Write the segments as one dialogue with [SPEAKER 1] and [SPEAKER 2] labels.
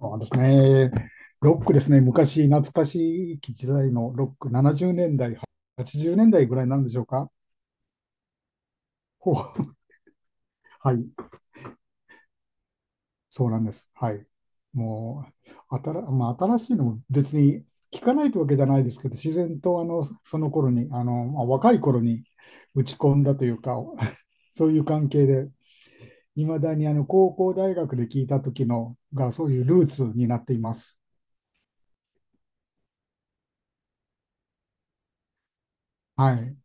[SPEAKER 1] そうですね。ロックですね。昔、懐かしい時代のロック、70年代、80年代ぐらいなんでしょうか。ほう はい、そうなんです。はい。もう、あたら、まあ、新しいのも別に聞かないというわけじゃないですけど、自然とその頃に、まあ、若い頃に打ち込んだというか、そういう関係で、いまだに高校大学で聞いた時のが、そういうルーツになっています。はい。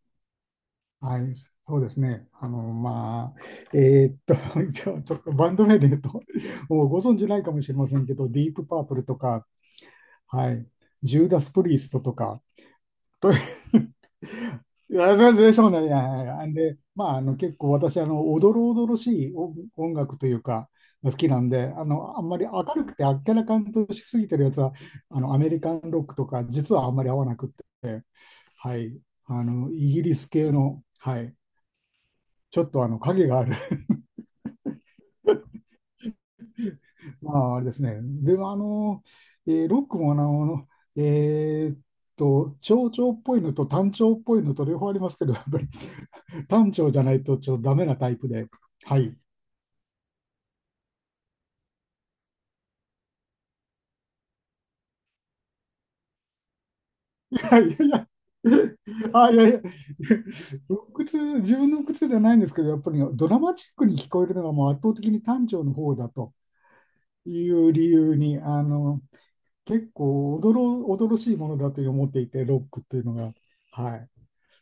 [SPEAKER 1] はい、そうですね。まあ、えーっと、じゃあちょっとバンド名で言うと、もうご存知ないかもしれませんけど、ディープパープルとか、はい、ジューダス・プリーストとか、と いや、全然ょうなんや。で、まあ、結構私、おどろおどろしい音楽というか、好きなんで、あんまり明るくてあっけらかんとしすぎてるやつは、アメリカンロックとか、実はあんまり合わなくって、はい、イギリス系の、はい、ちょっと影がある まあ、あれですね。でも、えーロックも、えーっ長調っぽいのと短調っぽいのと両方ありますけど、やっぱり短調じゃないとちょっとダメなタイプで。はい。はい、いやいや。あ、いやいや。ロックツー自分の靴ではないんですけど、やっぱりドラマチックに聞こえるのがもう圧倒的に短調の方だという理由に、結構驚、驚しいものだと思っていて、ロックっていうのが。はい。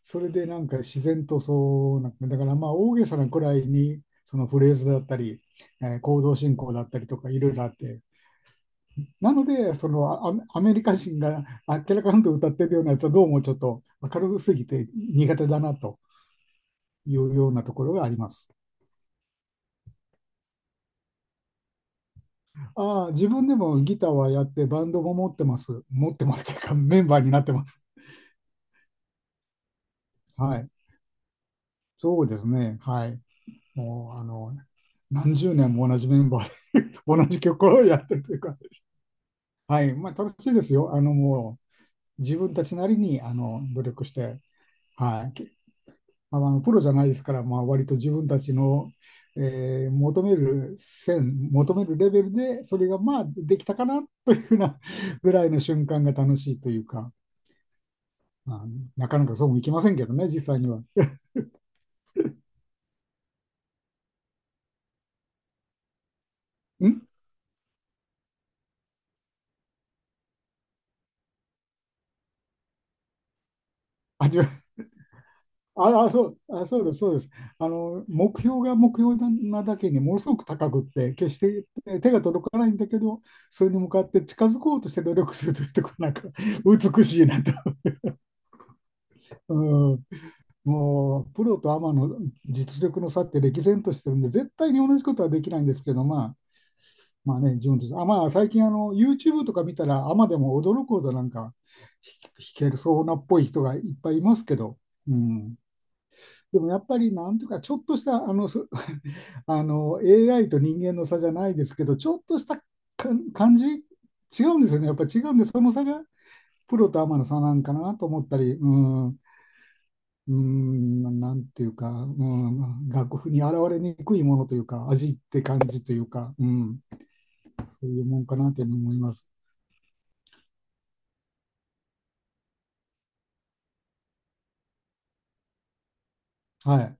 [SPEAKER 1] それでなんか自然とそうなんか、だからまあ大げさなくらいにそのフレーズだったり、えー行動進行だったりとかいろいろあって、なのでそのアメリカ人があっけらかんと歌ってるようなやつはどうもちょっと明るすぎて苦手だなというようなところがあります。ああ、自分でもギターはやってバンドも持ってます。持ってますというかメンバーになってます。はい。そうですね。はい。もう何十年も同じメンバーで同じ曲をやってるというか、はい、まあ、楽しいですよ。もう、自分たちなりに、努力して、はい。まあプロじゃないですから、まあ、割と自分たちの、えー求める線、求めるレベルで、それが、まあ、できたかな、というふうなぐらいの瞬間が楽しいというか、まあのなかなかそうもいきませんけどね、実際には。んあ、違うああ、そう、そうです、そうです。目標が目標なだけにものすごく高くって、決してえ手が届かないんだけど、それに向かって近づこうとして努力するというところなんか美しいなと。うん、もう、プロとアマの実力の差って歴然としてるんで、絶対に同じことはできないんですけど、まあ、まあね、自分たち、まあ、最近YouTube とか見たら、アマでも驚くほどなんか、ひ弾けるそうなっぽい人がいっぱいいますけど、うん。でもやっぱりなんていうか、ちょっとしたあのそあの AI と人間の差じゃないですけど、ちょっとした感じ、違うんですよね、やっぱ違うんで、その差がプロとアマの差なんかなと思ったり、うん、うーん、なんていうか、うん、楽譜に現れにくいものというか、味って感じというか、うん、そういうもんかなと思います。はい。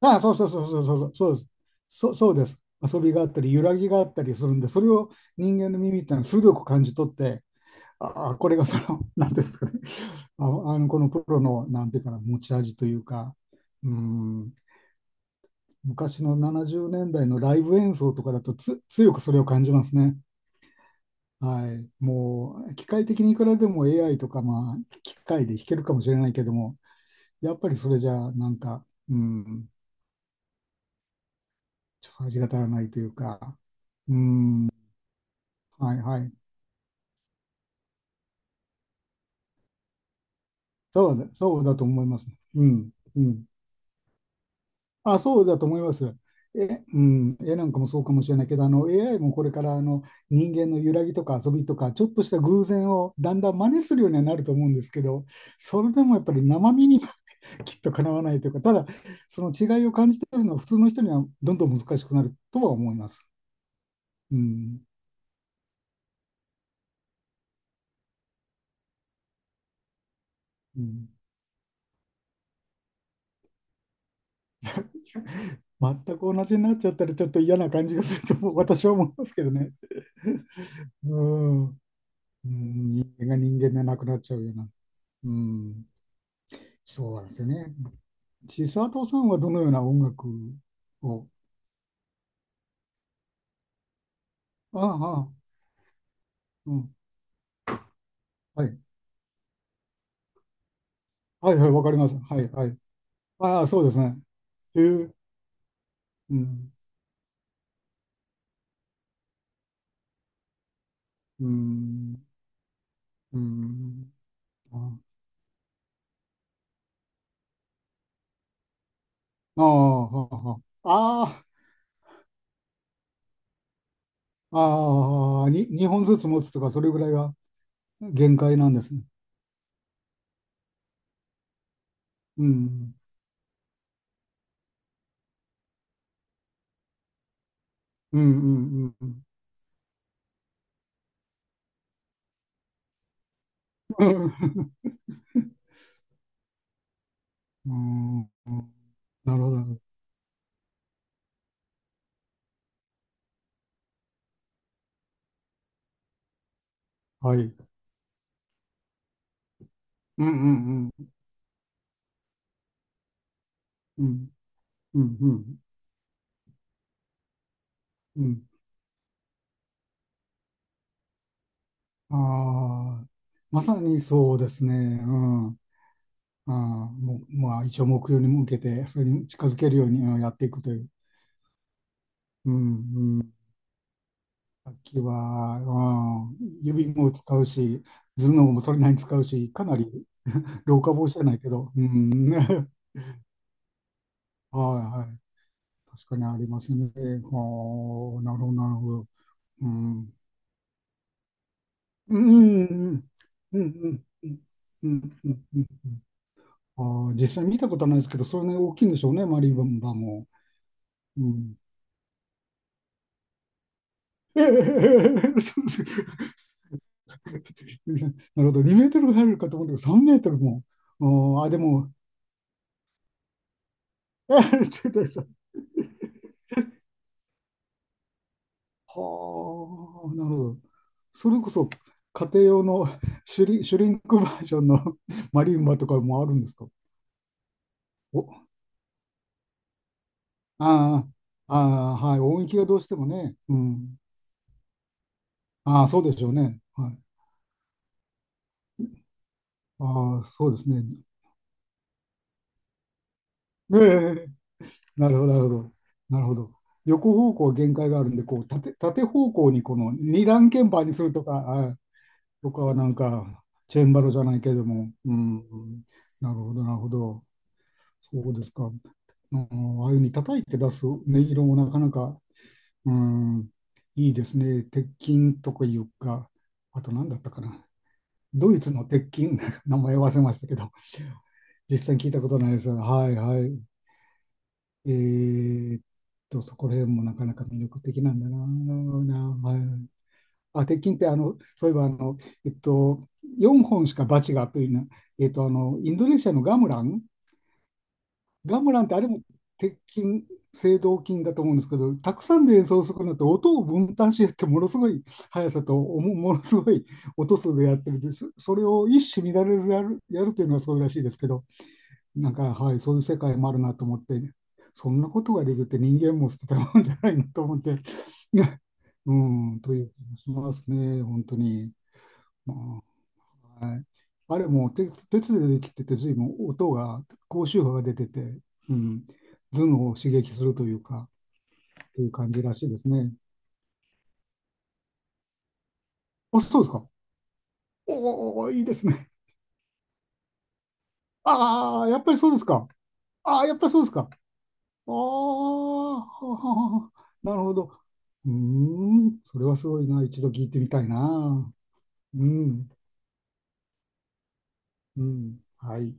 [SPEAKER 1] ああ、そうそうそうそうそうそうそうです。そうそうです。遊びがあったり、揺らぎがあったりするんで、それを人間の耳ってのは鋭く感じ取って、ああ、これがその、なんていうんですかね、ああのこのプロの、なんていうかな、持ち味というか、うん、昔の70年代のライブ演奏とかだと強くそれを感じますね。はい、もう、機械的にいくらでも AI とか、まあ、機械で弾けるかもしれないけども、やっぱりそれじゃ、なんか、うん、ちょっと味が足らないというか、うん、はいはい、そうだ、そうだと思います。うん、うん。あ、そうだと思います。え、うん、絵なんかもそうかもしれないけど、AI もこれから人間の揺らぎとか遊びとか、ちょっとした偶然をだんだん真似するようにはなると思うんですけど、それでもやっぱり生身には きっとかなわないというか、ただ、その違いを感じてるのは普通の人にはどんどん難しくなるとは思います。うん、うん 全く同じになっちゃったらちょっと嫌な感じがするとも私は思いますけどね。うん、うん人間が人間でなくなっちゃうような。うんそうなんですよね。千里さんはどのような音楽を。ああ、ああうん。はい。はいはい、わかります。はい、はい。ああ、そうですね。えー、うん、うん、うん。ああ、はあ、ああ、ああ、に、2本ずつ持つとか、それぐらいが限界なんですね。うん、うん、うん、うん。うん、うんうんなるほど。はい。うん、うん、うん、うん、うん、うん。ああ、まさにそうですね。うん。ああ、もう、まあ、一応目標に向けて、それに近づけるようにうんやっていくという。うん、うん。さっきは、うん、指も使うし、頭脳もそれなりに使うし、かなり 老化防止じゃないけど、うん、ね。はいはい。確かにありますね。はあ、なるほど、なるほど。うん。うん、うん、うん、うん、うん、うん、うん。うんうんあー実際見たことはないですけど、それね大きいんでしょうね、マリンバも。うん、ええそうですなるほど、2メートル入るかと思ったけど、3メートルも。あーあ、でも、えっはあ、なるほど。それこそ、家庭用のシュリンクバージョンの マリンバとかもあるんですか。お、あーあー、はい、音域がどうしてもね。うん、ああ、そうでしょうね。はい、ああ、そうですね。ええなるほど、なるほど。なるほど。横方向は限界があるんで、こう縦、縦方向にこの二段鍵盤にするとか、あ、とかはなんか、チェンバロじゃないけれども、うん、なるほど、なるほど。そうですか。うん、ああいうふうに叩いて出す音色もなかなか、うん、いいですね。鉄筋とかいうか、あと何だったかな。ドイツの鉄筋、名前忘れましたけど、実際に聞いたことないです。はいはい。えーっそこら辺もなかなか魅力的なんだなぁ、はい。あ、鉄筋って、そういえば、えっと、4本しかバチがというな、インドネシアのガムラン、ガムランってあれも鉄筋、青銅筋だと思うんですけど、たくさんで演奏するのって音を分担してやって、ものすごい速さと、ものすごい音数でやってるんです。それを一糸乱れずやるというのはそうらしいですけど、なんか、はい、そういう世界もあるなと思って、そんなことができるって人間も捨てたもんじゃないなと思って、うん、という気がしますね、本当に。まあ、あれもう鉄でできてて、随分音が、高周波が出てて、うん、頭脳を刺激するというか、という感じらしいですね。あ、そうですか。おーおー、いいですね。ああ、やっぱりそうですか。ああ、やっぱりそうですか。ああ、はははなるほど。うーん、それはすごいな。一度聞いてみたいな。うん、うん、はい。